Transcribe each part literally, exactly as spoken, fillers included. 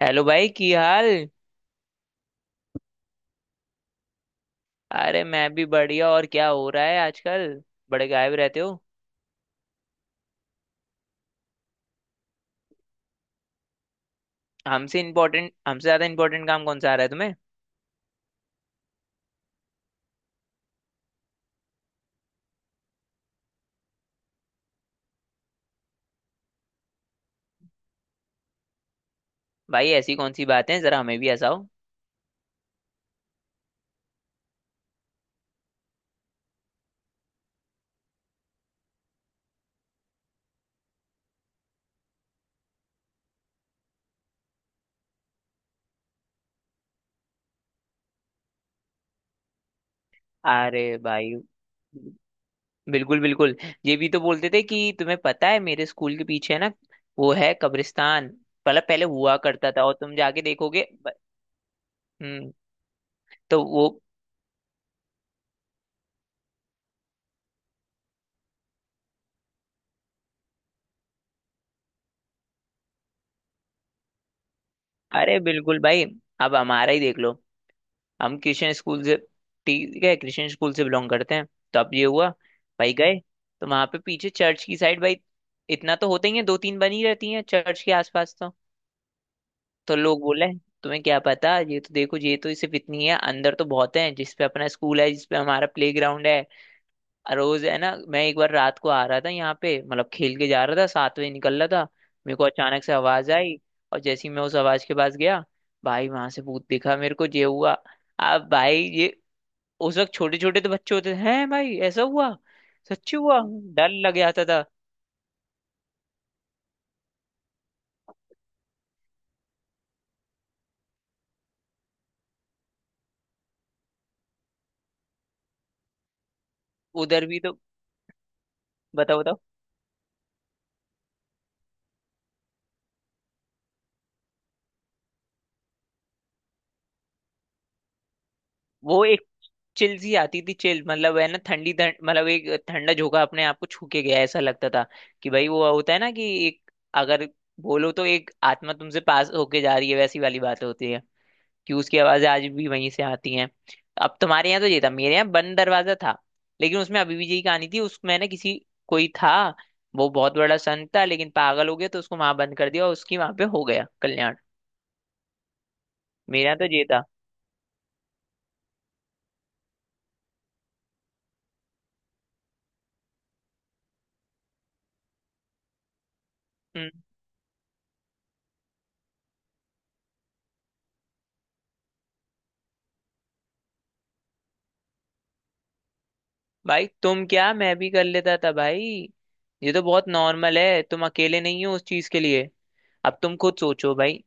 Hello भाई की हाल? अरे मैं भी बढ़िया। और क्या हो रहा है आजकल? बड़े गायब रहते हो। हमसे इम्पोर्टेंट हमसे ज्यादा इम्पोर्टेंट काम कौन सा आ रहा है तुम्हें? भाई ऐसी कौन सी बातें हैं, जरा हमें भी हंसाओ। अरे भाई, बिल्कुल बिल्कुल। ये भी तो बोलते थे कि तुम्हें पता है मेरे स्कूल के पीछे है ना, वो है कब्रिस्तान। मतलब पहले हुआ करता था और तुम जाके देखोगे ब- हम्म। तो वो, अरे बिल्कुल भाई। अब हमारा ही देख लो। हम क्रिश्चियन स्कूल से, ठीक है, क्रिश्चियन स्कूल से बिलोंग करते हैं। तो अब ये हुआ भाई, गए। तो वहां पे पीछे चर्च की साइड भाई, इतना तो होते ही है, दो तीन बनी रहती हैं चर्च के आसपास तो। तो लोग बोले तुम्हें क्या पता, ये तो देखो, ये तो सिर्फ इतनी है, अंदर तो बहुत है, जिसपे अपना स्कूल है, जिसपे हमारा प्ले ग्राउंड है। रोज है ना, मैं एक बार रात को आ रहा था यहाँ पे, मतलब खेल के जा रहा था, सात बजे निकल रहा था। मेरे को अचानक से आवाज आई और जैसे ही मैं उस आवाज के पास गया, भाई वहां से भूत दिखा मेरे को, ये हुआ। अब भाई ये उस वक्त छोटे छोटे तो बच्चे होते थे, हैं भाई ऐसा हुआ। सच्ची हुआ। डर लग जाता था। उधर भी तो, बताओ बताओ। वो एक चिल सी आती थी, चिल मतलब है ना ठंडी ठंड, मतलब एक ठंडा झोंका अपने आप को छू के गया, ऐसा लगता था कि भाई वो होता है ना कि एक, अगर बोलो तो एक आत्मा तुमसे पास होके जा रही है, वैसी वाली बात होती है। कि उसकी आवाजें आज भी वहीं से आती हैं। अब तुम्हारे यहाँ तो ये था, मेरे यहाँ बंद दरवाजा था। लेकिन उसमें अभी भी यही कहानी थी, उसमें ना किसी, कोई था। वो बहुत बड़ा संत था लेकिन पागल हो गया तो उसको वहां बंद कर दिया और उसकी वहां पे हो गया कल्याण। मेरा तो ये था। हम्म। भाई तुम क्या, मैं भी कर लेता था भाई। ये तो बहुत नॉर्मल है, तुम अकेले नहीं हो उस चीज के लिए। अब तुम खुद सोचो भाई,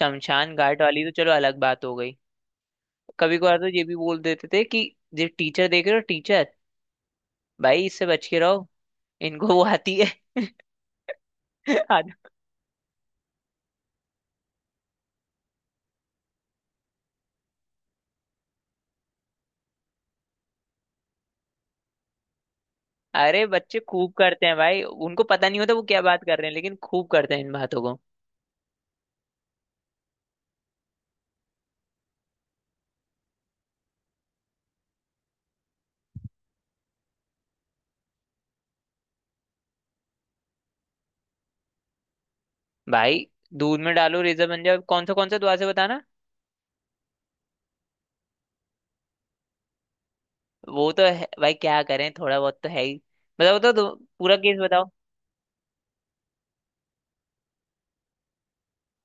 शमशान घाट वाली तो चलो अलग बात हो गई, कभी कभार तो ये भी बोल देते थे कि जो टीचर देख रहे हो टीचर, भाई इससे बच के रहो, इनको वो आती है। आद- अरे बच्चे खूब करते हैं भाई, उनको पता नहीं होता वो क्या बात कर रहे हैं लेकिन खूब करते हैं इन बातों को। भाई दूध में डालो रेजर बन जाओ, कौन सा कौन सा दुआ से बताना। वो तो है भाई, क्या करें, थोड़ा बहुत तो है ही। बताओ तो, तो पूरा केस बताओ।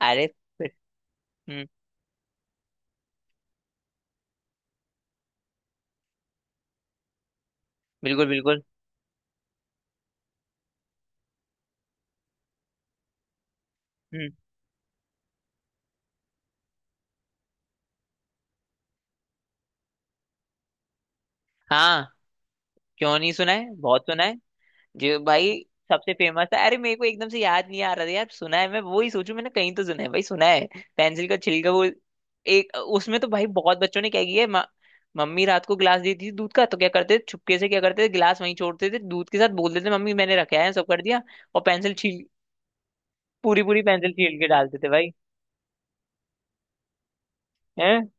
अरे फिर- हम्म। बिल्कुल बिल्कुल। हम्म। हाँ। क्यों नहीं, सुना है, बहुत सुना है। जो भाई, सबसे फेमस है, अरे मेरे को एकदम से याद नहीं आ रहा था यार, सुना है, मैं वो ही सोचू मैंने कहीं तो सुना है भाई, सुना है। पेंसिल का छिलका, वो एक, उसमें तो भाई बहुत बच्चों ने क्या किया है म- मम्मी रात को गिलास देती थी दूध का, तो क्या करते थे, छुपके से क्या करते थे, गिलास वहीं छोड़ते थे दूध के साथ, बोल देते मम्मी मैंने रखा है, सब कर दिया। और पेंसिल छील, पूरी पूरी पेंसिल छील के डालते थे भाई। हैं?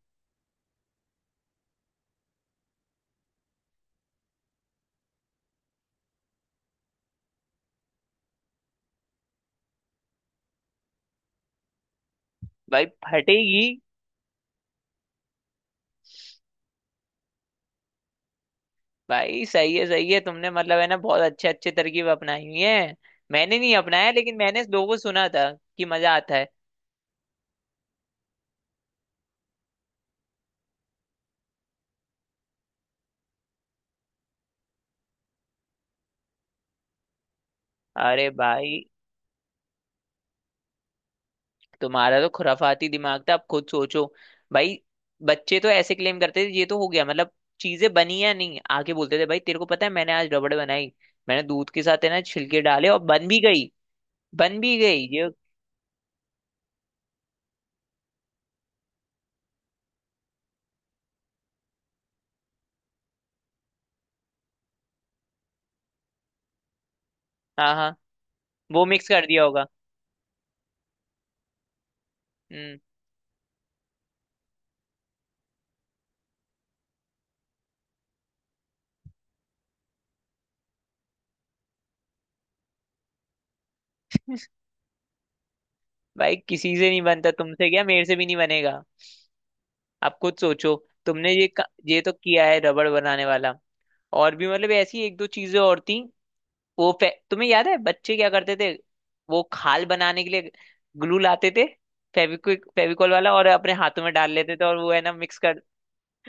भाई फटेगी। भाई सही है, सही है, तुमने मतलब है ना बहुत अच्छे अच्छे तरकीब अपनाई हुई है। मैंने नहीं अपनाया लेकिन मैंने लोगों को सुना था कि मजा आता है। अरे भाई, तुम्हारा तो खुराफाती दिमाग था, अब खुद सोचो भाई, बच्चे तो ऐसे क्लेम करते थे, ये तो हो गया मतलब, चीजें बनी या नहीं आके बोलते थे भाई तेरे को पता है मैंने आज रबड़ बनाई। मैंने दूध के साथ है ना छिलके डाले और बन भी गई, बन भी गई ये। हाँ हाँ, वो मिक्स कर दिया होगा। हम्म। भाई किसी से नहीं बनता, तुमसे क्या, मेरे से भी नहीं बनेगा। आप खुद सोचो, तुमने ये क- ये तो किया है रबड़ बनाने वाला, और भी मतलब ऐसी एक दो चीजें और थी। वो फे... तुम्हें याद है बच्चे क्या करते थे, वो खाल बनाने के लिए ग्लू लाते थे, फेविक्विक फेविकॉल वाला, और अपने हाथों में डाल लेते थे और वो है ना मिक्स कर,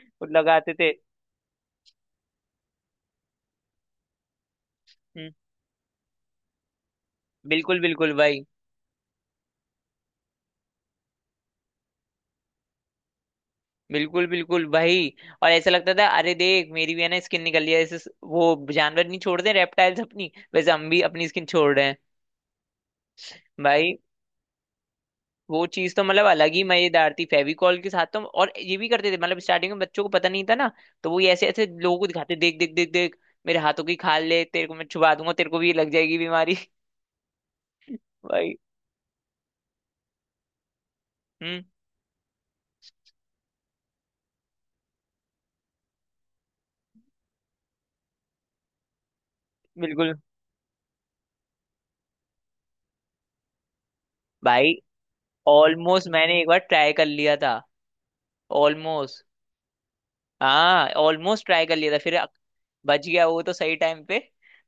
वो लगाते थे। हम्म, बिल्कुल बिल्कुल भाई। बिल्कुल बिल्कुल भाई, और ऐसा लगता था अरे देख मेरी भी है ना स्किन निकल रही है, ऐसे स- वो जानवर नहीं छोड़ते रेप्टाइल्स अपनी, वैसे हम भी अपनी स्किन छोड़ रहे हैं। भाई वो चीज तो मतलब अलग ही मजेदार थी फेविकॉल के साथ तो, और ये भी करते थे मतलब स्टार्टिंग में बच्चों को पता नहीं था ना, तो वो ये ऐसे ऐसे लोगों को दिखाते देख देख देख देख, मेरे हाथों की खाल ले, तेरे को मैं छुपा दूंगा, तेरे को भी लग जाएगी बीमारी। भाई। हम्म, बिल्कुल भाई। ऑलमोस्ट मैंने एक बार ट्राई कर लिया था, ऑलमोस्ट। हाँ, ऑलमोस्ट ट्राई कर लिया था, फिर अक- बच गया वो तो सही टाइम पे।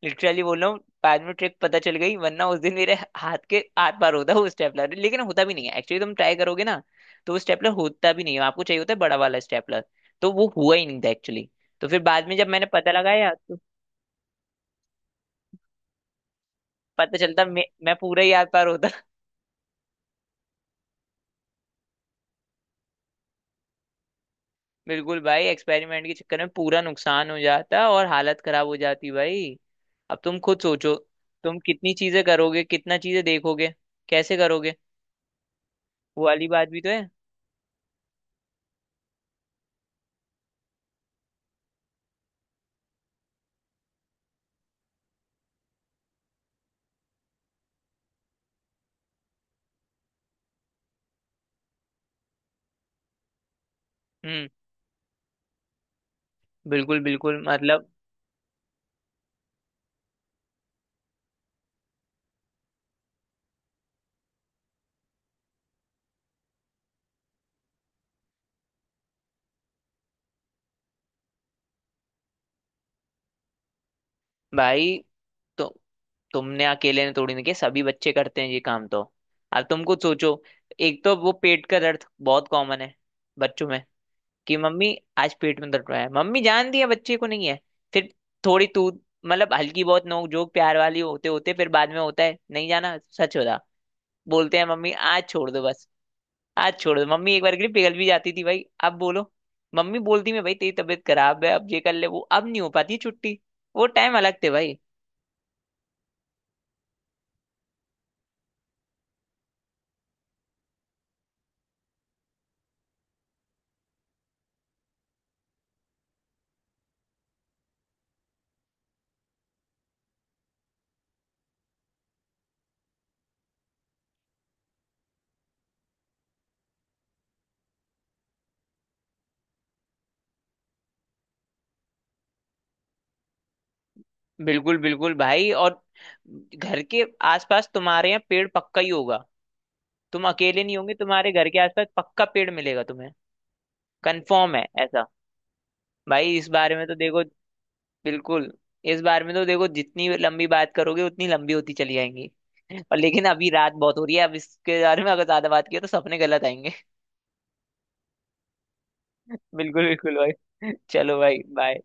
लिटरली बोल रहा हूँ, बाद में ट्रिक पता चल गई, वरना उस दिन मेरे हाथ के आर पार होता वो स्टेपलर, लेकिन होता भी नहीं है एक्चुअली, तुम ट्राई करोगे ना तो वो स्टेपलर होता भी नहीं है, आपको चाहिए होता है बड़ा वाला स्टेपलर। तो वो हुआ ही नहीं था एक्चुअली। तो फिर बाद में जब मैंने पता लगाया तो पता चलता मैं, मैं पूरा ही आर पार होता। बिल्कुल भाई, एक्सपेरिमेंट के चक्कर में पूरा नुकसान हो जाता और हालत खराब हो जाती भाई। अब तुम खुद सोचो, तुम कितनी चीजें करोगे, कितना चीजें देखोगे, कैसे करोगे, वो वाली बात भी तो है। हम्म, बिल्कुल बिल्कुल मतलब। भाई तो, तुमने अकेले ने थोड़ी ना किया, सभी बच्चे करते हैं ये काम तो। अब तुम खुद सोचो, एक तो वो पेट का दर्द बहुत कॉमन है बच्चों में, कि मम्मी आज पेट में दर्द हो रहा है, मम्मी जानती है बच्चे को नहीं है, फिर थोड़ी तू मतलब हल्की बहुत नोक जोक प्यार वाली होते होते फिर बाद में होता है नहीं जाना सच होता, बोलते हैं मम्मी आज छोड़ दो बस। आज छोड़ दो मम्मी, एक बार के लिए पिघल भी जाती थी भाई, अब बोलो, मम्मी बोलती, मैं भाई तेरी तबीयत खराब है, अब ये कर ले वो, अब नहीं हो पाती छुट्टी, वो टाइम अलग थे भाई। बिल्कुल बिल्कुल भाई, और घर के आसपास तुम्हारे यहाँ पेड़ पक्का ही होगा, तुम अकेले नहीं होंगे, तुम्हारे घर के आसपास पक्का पेड़ मिलेगा तुम्हें। कंफर्म है ऐसा? भाई इस बारे में तो देखो, बिल्कुल, इस बारे में तो देखो जितनी लंबी बात करोगे उतनी लंबी होती चली जाएंगी। और लेकिन अभी रात बहुत हो रही है, अब इसके बारे में अगर ज्यादा बात किया तो सपने गलत आएंगे। बिल्कुल बिल्कुल भाई, चलो भाई बाय।